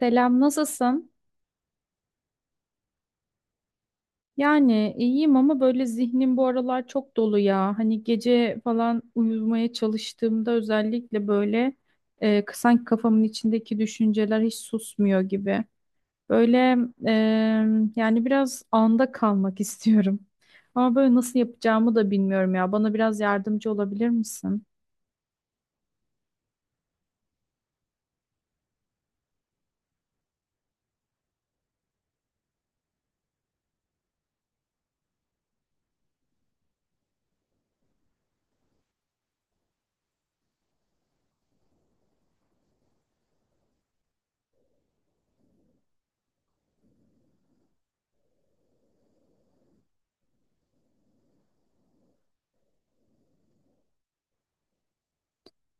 Selam, nasılsın? Yani iyiyim ama böyle zihnim bu aralar çok dolu ya. Hani gece falan uyumaya çalıştığımda özellikle böyle sanki kafamın içindeki düşünceler hiç susmuyor gibi. Böyle e, Yani biraz anda kalmak istiyorum. Ama böyle nasıl yapacağımı da bilmiyorum ya. Bana biraz yardımcı olabilir misin?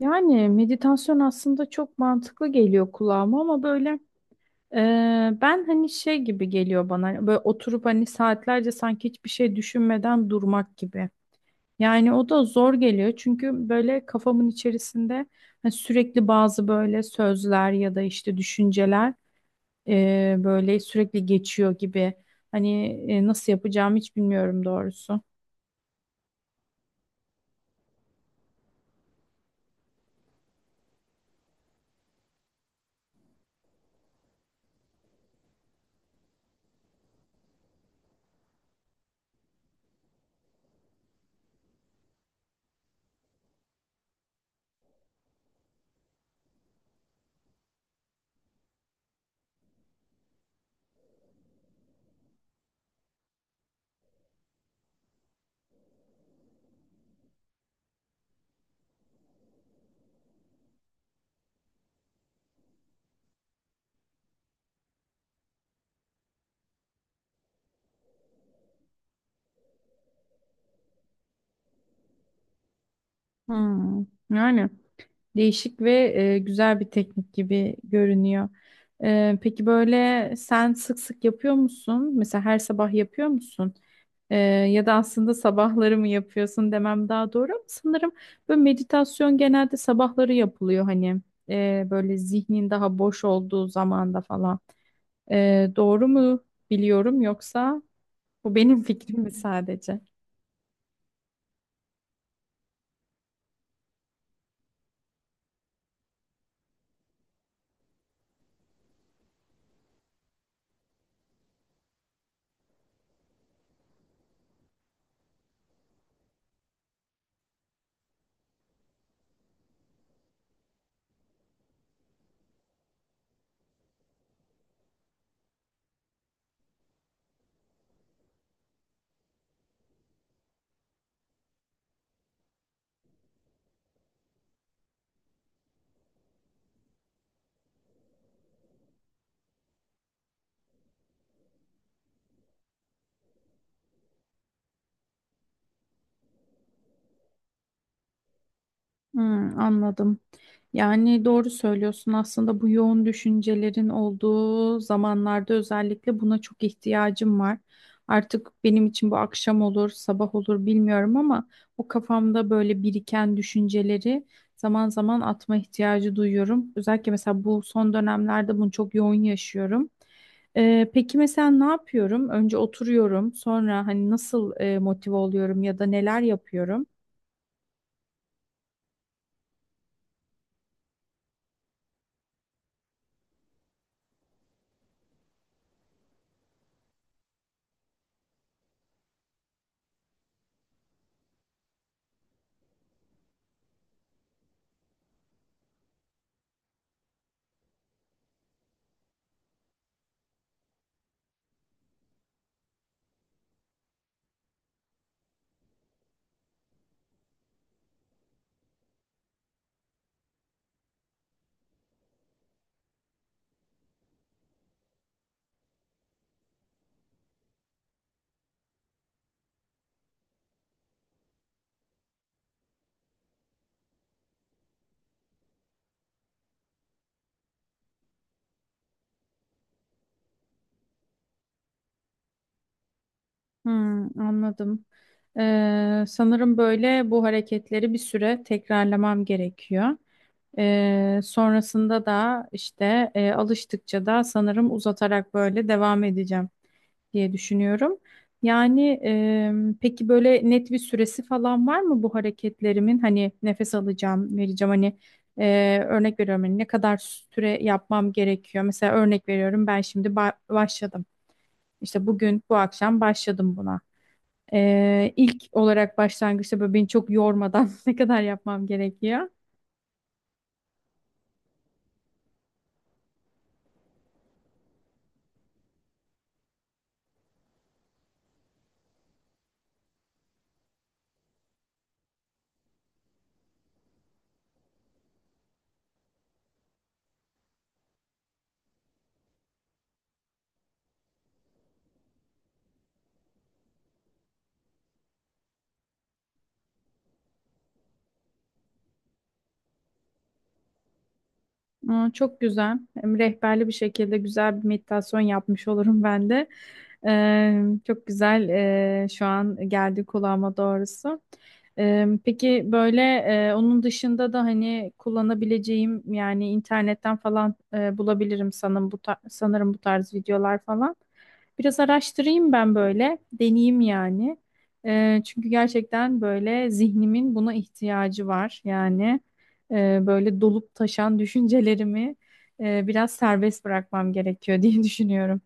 Yani meditasyon aslında çok mantıklı geliyor kulağıma ama böyle Ee, ben hani şey gibi geliyor bana hani böyle oturup hani saatlerce sanki hiçbir şey düşünmeden durmak gibi. Yani o da zor geliyor çünkü böyle kafamın içerisinde hani sürekli bazı böyle sözler ya da işte düşünceler böyle sürekli geçiyor gibi. Hani Nasıl yapacağımı hiç bilmiyorum doğrusu. Hmm. Yani değişik ve güzel bir teknik gibi görünüyor. E, peki böyle sen sık sık yapıyor musun? Mesela her sabah yapıyor musun? Ee, Ya da aslında sabahları mı yapıyorsun demem daha doğru ama sanırım böyle meditasyon genelde sabahları yapılıyor hani, böyle zihnin daha boş olduğu zamanda falan. Doğru mu biliyorum yoksa bu benim fikrim mi sadece? Hmm, anladım. Yani doğru söylüyorsun. Aslında bu yoğun düşüncelerin olduğu zamanlarda özellikle buna çok ihtiyacım var. Artık benim için bu akşam olur, sabah olur bilmiyorum ama o kafamda böyle biriken düşünceleri zaman zaman atma ihtiyacı duyuyorum. Özellikle mesela bu son dönemlerde bunu çok yoğun yaşıyorum. Peki mesela ne yapıyorum? Önce oturuyorum, sonra hani nasıl motive oluyorum ya da neler yapıyorum? Hmm, anladım. Sanırım böyle bu hareketleri bir süre tekrarlamam gerekiyor. Sonrasında da işte alıştıkça da sanırım uzatarak böyle devam edeceğim diye düşünüyorum. Yani peki böyle net bir süresi falan var mı bu hareketlerimin? Hani nefes alacağım, vereceğim. Hani, örnek veriyorum hani ne kadar süre yapmam gerekiyor? Mesela örnek veriyorum ben şimdi başladım. İşte bugün bu akşam başladım buna. İlk olarak başlangıçta böyle beni çok yormadan ne kadar yapmam gerekiyor. Aa, çok güzel. Hem rehberli bir şekilde güzel bir meditasyon yapmış olurum ben de. Çok güzel şu an geldi kulağıma doğrusu. Peki böyle onun dışında da hani kullanabileceğim yani internetten falan bulabilirim sanırım sanırım bu tarz videolar falan. Biraz araştırayım ben böyle deneyeyim yani. Çünkü gerçekten böyle zihnimin buna ihtiyacı var yani böyle dolup taşan düşüncelerimi biraz serbest bırakmam gerekiyor diye düşünüyorum.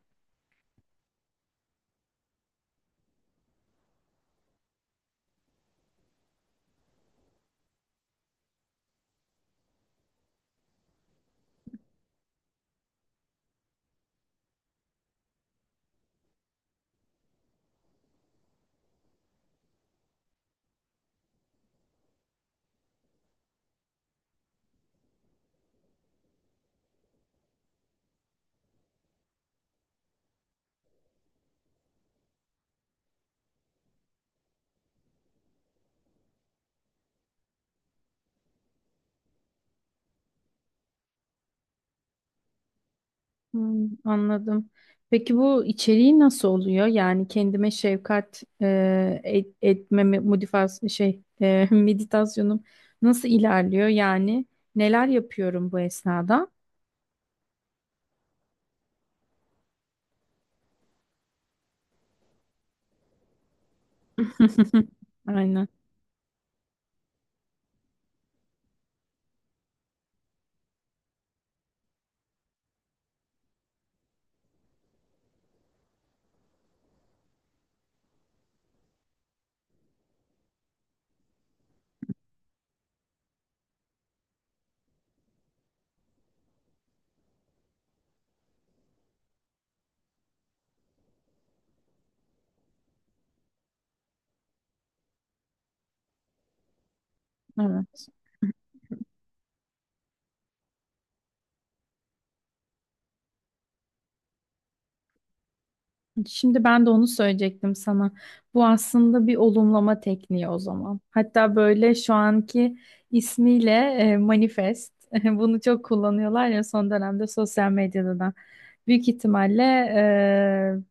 Hmm, anladım. Peki bu içeriği nasıl oluyor? Yani kendime şefkat etme modifas meditasyonum nasıl ilerliyor? Yani neler yapıyorum bu esnada? Hı, aynen. Evet. Şimdi ben de onu söyleyecektim sana. Bu aslında bir olumlama tekniği o zaman. Hatta böyle şu anki ismiyle manifest. Bunu çok kullanıyorlar ya son dönemde sosyal medyada da. Büyük ihtimalle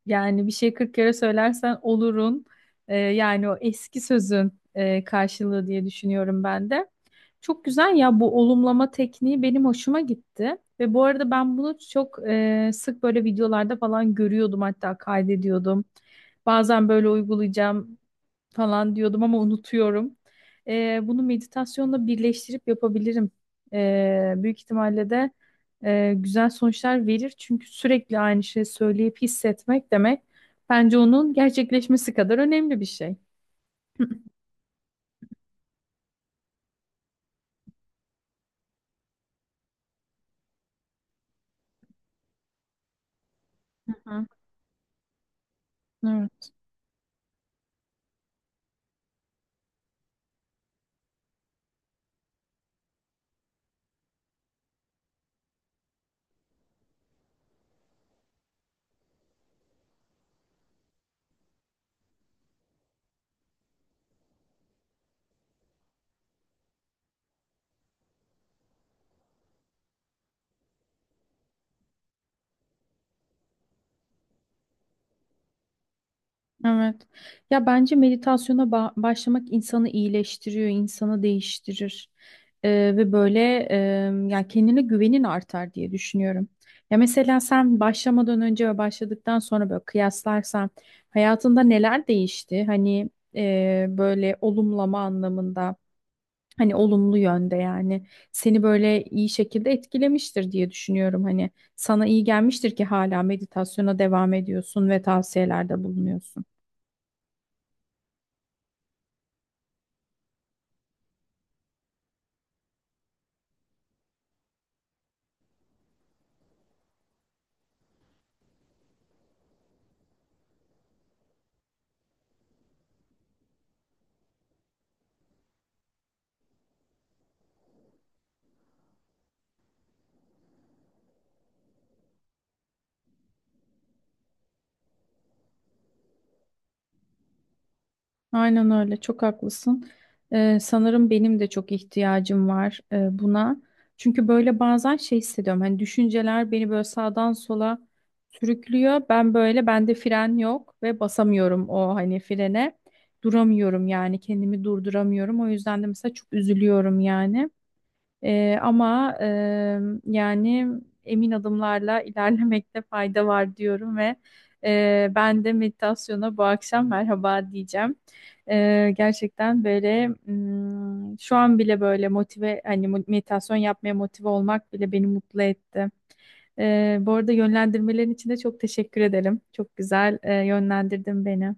yani bir şey 40 kere söylersen olurun. E, yani o eski sözün karşılığı diye düşünüyorum ben de. Çok güzel ya bu olumlama tekniği benim hoşuma gitti. Ve bu arada ben bunu çok sık böyle videolarda falan görüyordum hatta kaydediyordum. Bazen böyle uygulayacağım falan diyordum ama unutuyorum. E, bunu meditasyonla birleştirip yapabilirim. E, büyük ihtimalle de güzel sonuçlar verir. Çünkü sürekli aynı şeyi söyleyip hissetmek demek bence onun gerçekleşmesi kadar önemli bir şey. Hı. Evet. Ya bence meditasyona başlamak insanı iyileştiriyor, insanı değiştirir. Ve böyle e, ya kendine güvenin artar diye düşünüyorum. Ya mesela sen başlamadan önce ve başladıktan sonra böyle kıyaslarsan hayatında neler değişti? Hani, böyle olumlama anlamında, hani olumlu yönde yani seni böyle iyi şekilde etkilemiştir diye düşünüyorum. Hani sana iyi gelmiştir ki hala meditasyona devam ediyorsun ve tavsiyelerde bulunuyorsun. Aynen öyle, çok haklısın. Sanırım benim de çok ihtiyacım var buna. Çünkü böyle bazen şey hissediyorum. Hani düşünceler beni böyle sağdan sola sürüklüyor. Ben böyle bende fren yok ve basamıyorum o hani frene. Duramıyorum yani kendimi durduramıyorum. O yüzden de mesela çok üzülüyorum yani. Ama yani emin adımlarla ilerlemekte fayda var diyorum ve ben de meditasyona bu akşam merhaba diyeceğim. Gerçekten böyle şu an bile böyle meditasyon yapmaya motive olmak bile beni mutlu etti. Bu arada yönlendirmelerin için de çok teşekkür ederim. Çok güzel yönlendirdin beni.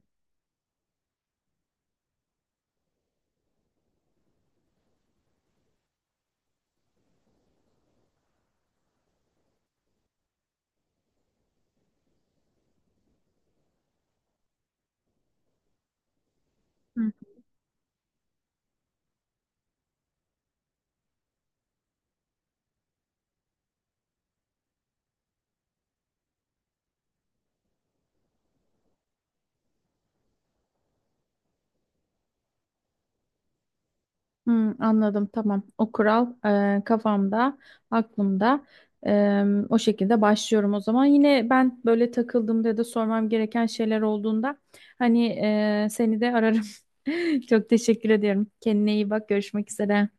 Hmm, anladım tamam. O kural kafamda, aklımda. E, O şekilde başlıyorum o zaman. Yine ben böyle takıldığımda ya da sormam gereken şeyler olduğunda hani, seni de ararım. Çok teşekkür ediyorum. Kendine iyi bak. Görüşmek üzere.